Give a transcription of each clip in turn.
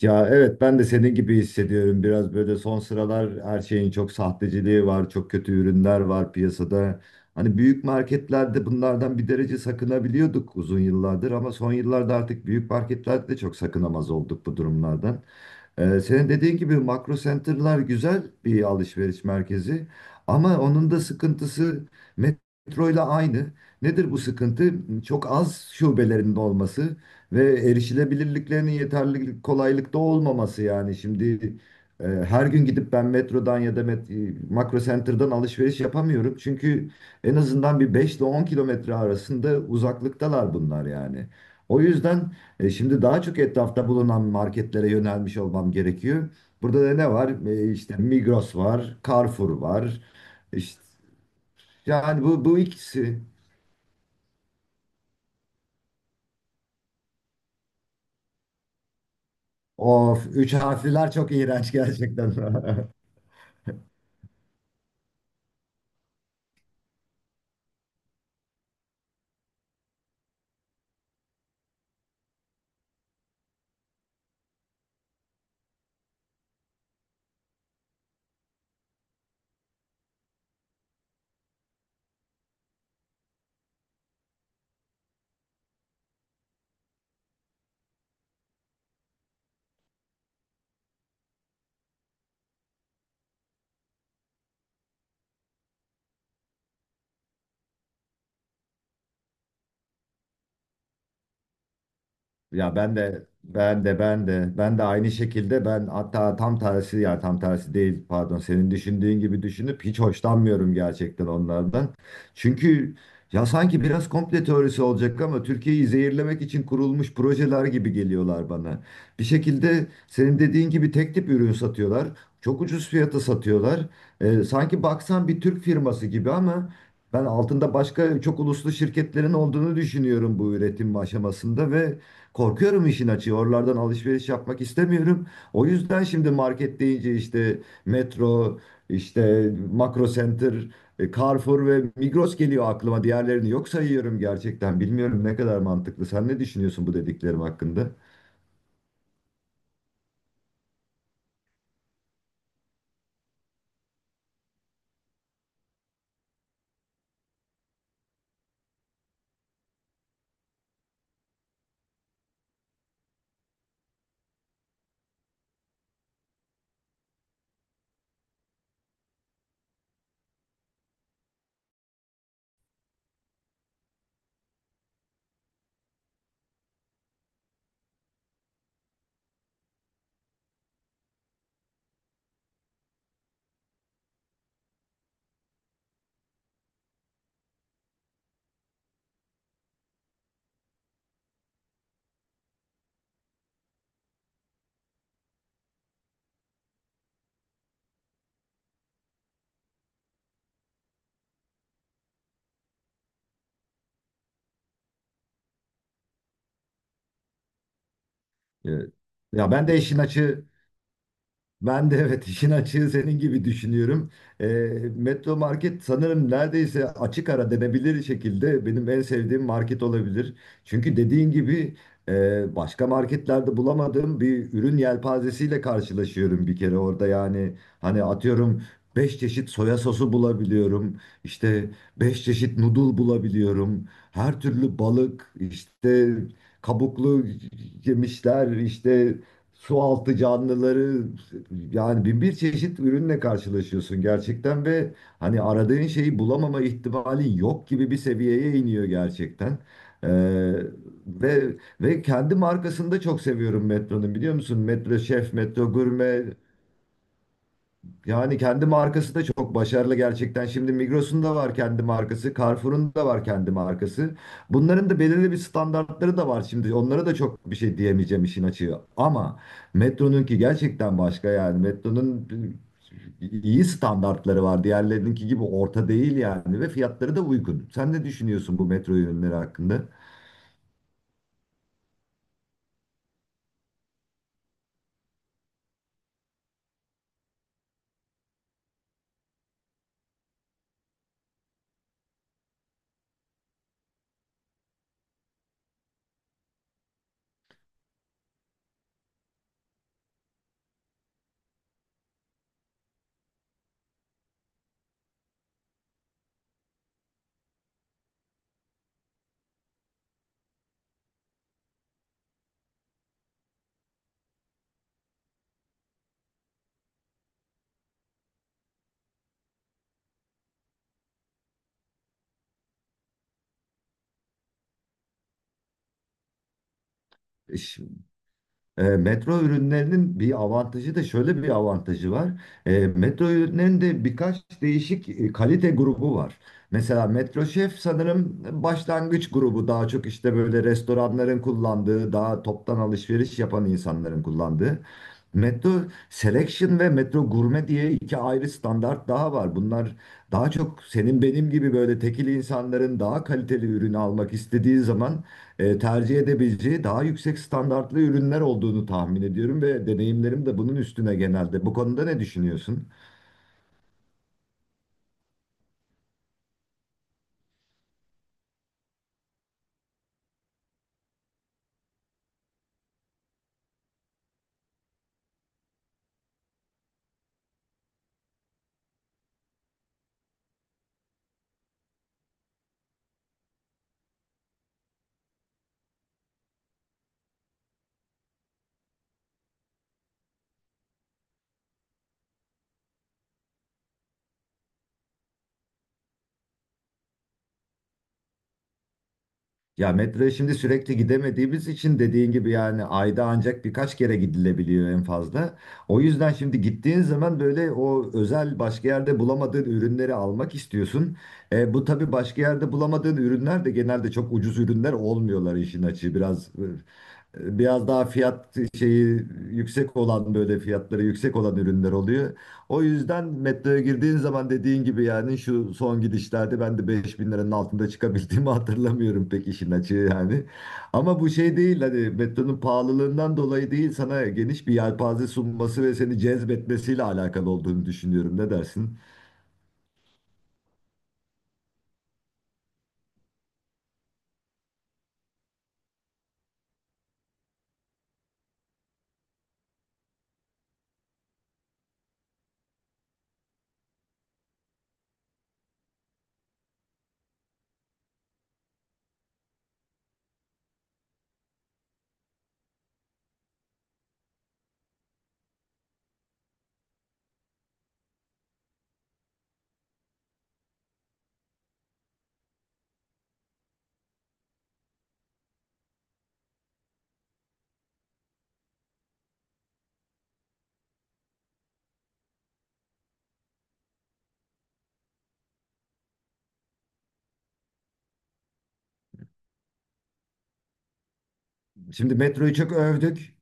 Ya evet, ben de senin gibi hissediyorum. Biraz böyle son sıralar her şeyin çok sahteciliği var, çok kötü ürünler var piyasada. Hani büyük marketlerde bunlardan bir derece sakınabiliyorduk uzun yıllardır ama son yıllarda artık büyük marketlerde de çok sakınamaz olduk bu durumlardan. Senin dediğin gibi Makro Center'lar güzel bir alışveriş merkezi ama onun da sıkıntısı Metroyla aynı. Nedir bu sıkıntı? Çok az şubelerinin olması ve erişilebilirliklerinin yeterli kolaylıkta olmaması yani. Şimdi her gün gidip ben Metrodan ya da Makro Center'dan alışveriş yapamıyorum. Çünkü en azından bir 5 ile 10 kilometre arasında uzaklıktalar bunlar yani. O yüzden. Şimdi daha çok etrafta bulunan marketlere yönelmiş olmam gerekiyor. Burada da ne var? İşte Migros var, Carrefour var. İşte yani bu ikisi. Of, üç harfliler çok iğrenç gerçekten. Ya, ben de aynı şekilde, ben hatta tam tersi, ya tam tersi değil, pardon, senin düşündüğün gibi düşünüp hiç hoşlanmıyorum gerçekten onlardan. Çünkü ya sanki biraz komple teorisi olacak ama Türkiye'yi zehirlemek için kurulmuş projeler gibi geliyorlar bana. Bir şekilde senin dediğin gibi tek tip ürün satıyorlar. Çok ucuz fiyata satıyorlar. Sanki baksan bir Türk firması gibi ama ben altında başka çok uluslu şirketlerin olduğunu düşünüyorum bu üretim aşamasında ve korkuyorum işin açığı. Oralardan alışveriş yapmak istemiyorum. O yüzden şimdi market deyince işte Metro, işte Makro Center, Carrefour ve Migros geliyor aklıma. Diğerlerini yok sayıyorum gerçekten. Bilmiyorum ne kadar mantıklı. Sen ne düşünüyorsun bu dediklerim hakkında? E, Ya ben de işin açığı Ben de, evet, işin açığı senin gibi düşünüyorum. Ee, Metro Market sanırım neredeyse açık ara denebilir şekilde benim en sevdiğim market olabilir. Çünkü dediğin gibi başka marketlerde bulamadığım bir ürün yelpazesiyle karşılaşıyorum bir kere orada. Yani hani atıyorum 5 çeşit soya sosu bulabiliyorum. İşte 5 çeşit noodle bulabiliyorum. Her türlü balık, işte kabuklu yemişler, işte su altı canlıları, yani bin bir çeşit ürünle karşılaşıyorsun gerçekten ve hani aradığın şeyi bulamama ihtimalin yok gibi bir seviyeye iniyor gerçekten. Ee, ve kendi markasını da çok seviyorum Metro'nun, biliyor musun? Metro Şef, Metro Gurme, yani kendi markası da çok başarılı gerçekten. Şimdi Migros'un da var kendi markası, Carrefour'un da var kendi markası. Bunların da belirli bir standartları da var şimdi. Onlara da çok bir şey diyemeyeceğim işin açığı. Ama Metro'nunki gerçekten başka yani. Metro'nun iyi standartları var. Diğerlerininki gibi orta değil yani ve fiyatları da uygun. Sen ne düşünüyorsun bu Metro ürünleri hakkında? Metro ürünlerinin bir avantajı da, şöyle bir avantajı var. Metro ürünlerinin de birkaç değişik kalite grubu var. Mesela Metro Chef sanırım başlangıç grubu, daha çok işte böyle restoranların kullandığı, daha toptan alışveriş yapan insanların kullandığı. Metro Selection ve Metro Gurme diye iki ayrı standart daha var. Bunlar daha çok senin benim gibi böyle tekil insanların daha kaliteli ürünü almak istediği zaman tercih edebileceği daha yüksek standartlı ürünler olduğunu tahmin ediyorum ve deneyimlerim de bunun üstüne genelde. Bu konuda ne düşünüyorsun? Ya Metroya şimdi sürekli gidemediğimiz için, dediğin gibi, yani ayda ancak birkaç kere gidilebiliyor en fazla. O yüzden şimdi gittiğin zaman böyle o özel, başka yerde bulamadığın ürünleri almak istiyorsun. Bu tabii başka yerde bulamadığın ürünler de genelde çok ucuz ürünler olmuyorlar işin açığı. Biraz daha fiyat şeyi yüksek olan, böyle fiyatları yüksek olan ürünler oluyor. O yüzden Metroya girdiğin zaman dediğin gibi, yani şu son gidişlerde ben de 5.000 liranın altında çıkabildiğimi hatırlamıyorum pek işin açığı yani. Ama bu şey değil, hani Metronun pahalılığından dolayı değil, sana geniş bir yelpaze sunması ve seni cezbetmesiyle alakalı olduğunu düşünüyorum. Ne dersin? Şimdi Metroyu çok övdük.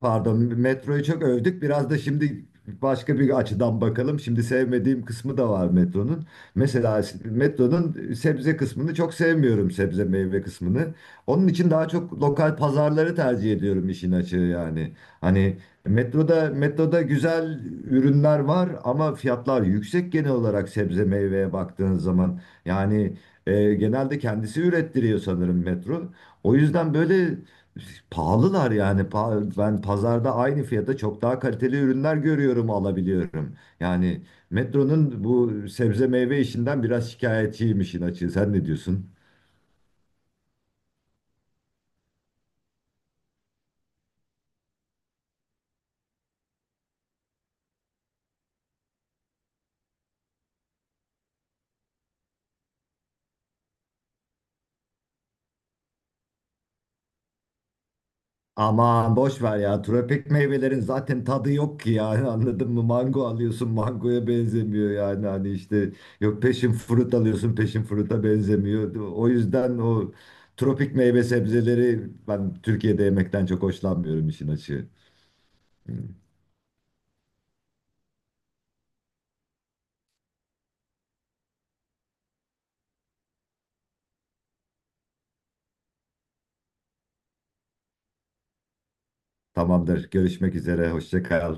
Pardon, Metroyu çok övdük. Biraz da şimdi başka bir açıdan bakalım. Şimdi sevmediğim kısmı da var Metronun. Mesela Metronun sebze kısmını çok sevmiyorum, sebze meyve kısmını. Onun için daha çok lokal pazarları tercih ediyorum işin açığı yani. Hani Metroda güzel ürünler var ama fiyatlar yüksek genel olarak sebze meyveye baktığın zaman. Yani genelde kendisi ürettiriyor sanırım Metro. O yüzden böyle pahalılar yani. Ben pazarda aynı fiyata çok daha kaliteli ürünler görüyorum, alabiliyorum. Yani Metro'nun bu sebze meyve işinden biraz şikayetçiyim işin açığı. Sen ne diyorsun? Aman boş ver ya. Tropik meyvelerin zaten tadı yok ki yani, anladın mı? Mango alıyorsun, mangoya benzemiyor, yani hani işte, yok, passion fruit alıyorsun, passion fruit'a benzemiyor. O yüzden o tropik meyve sebzeleri ben Türkiye'de yemekten çok hoşlanmıyorum işin açığı. Hmm. Tamamdır. Görüşmek üzere. Hoşça kal.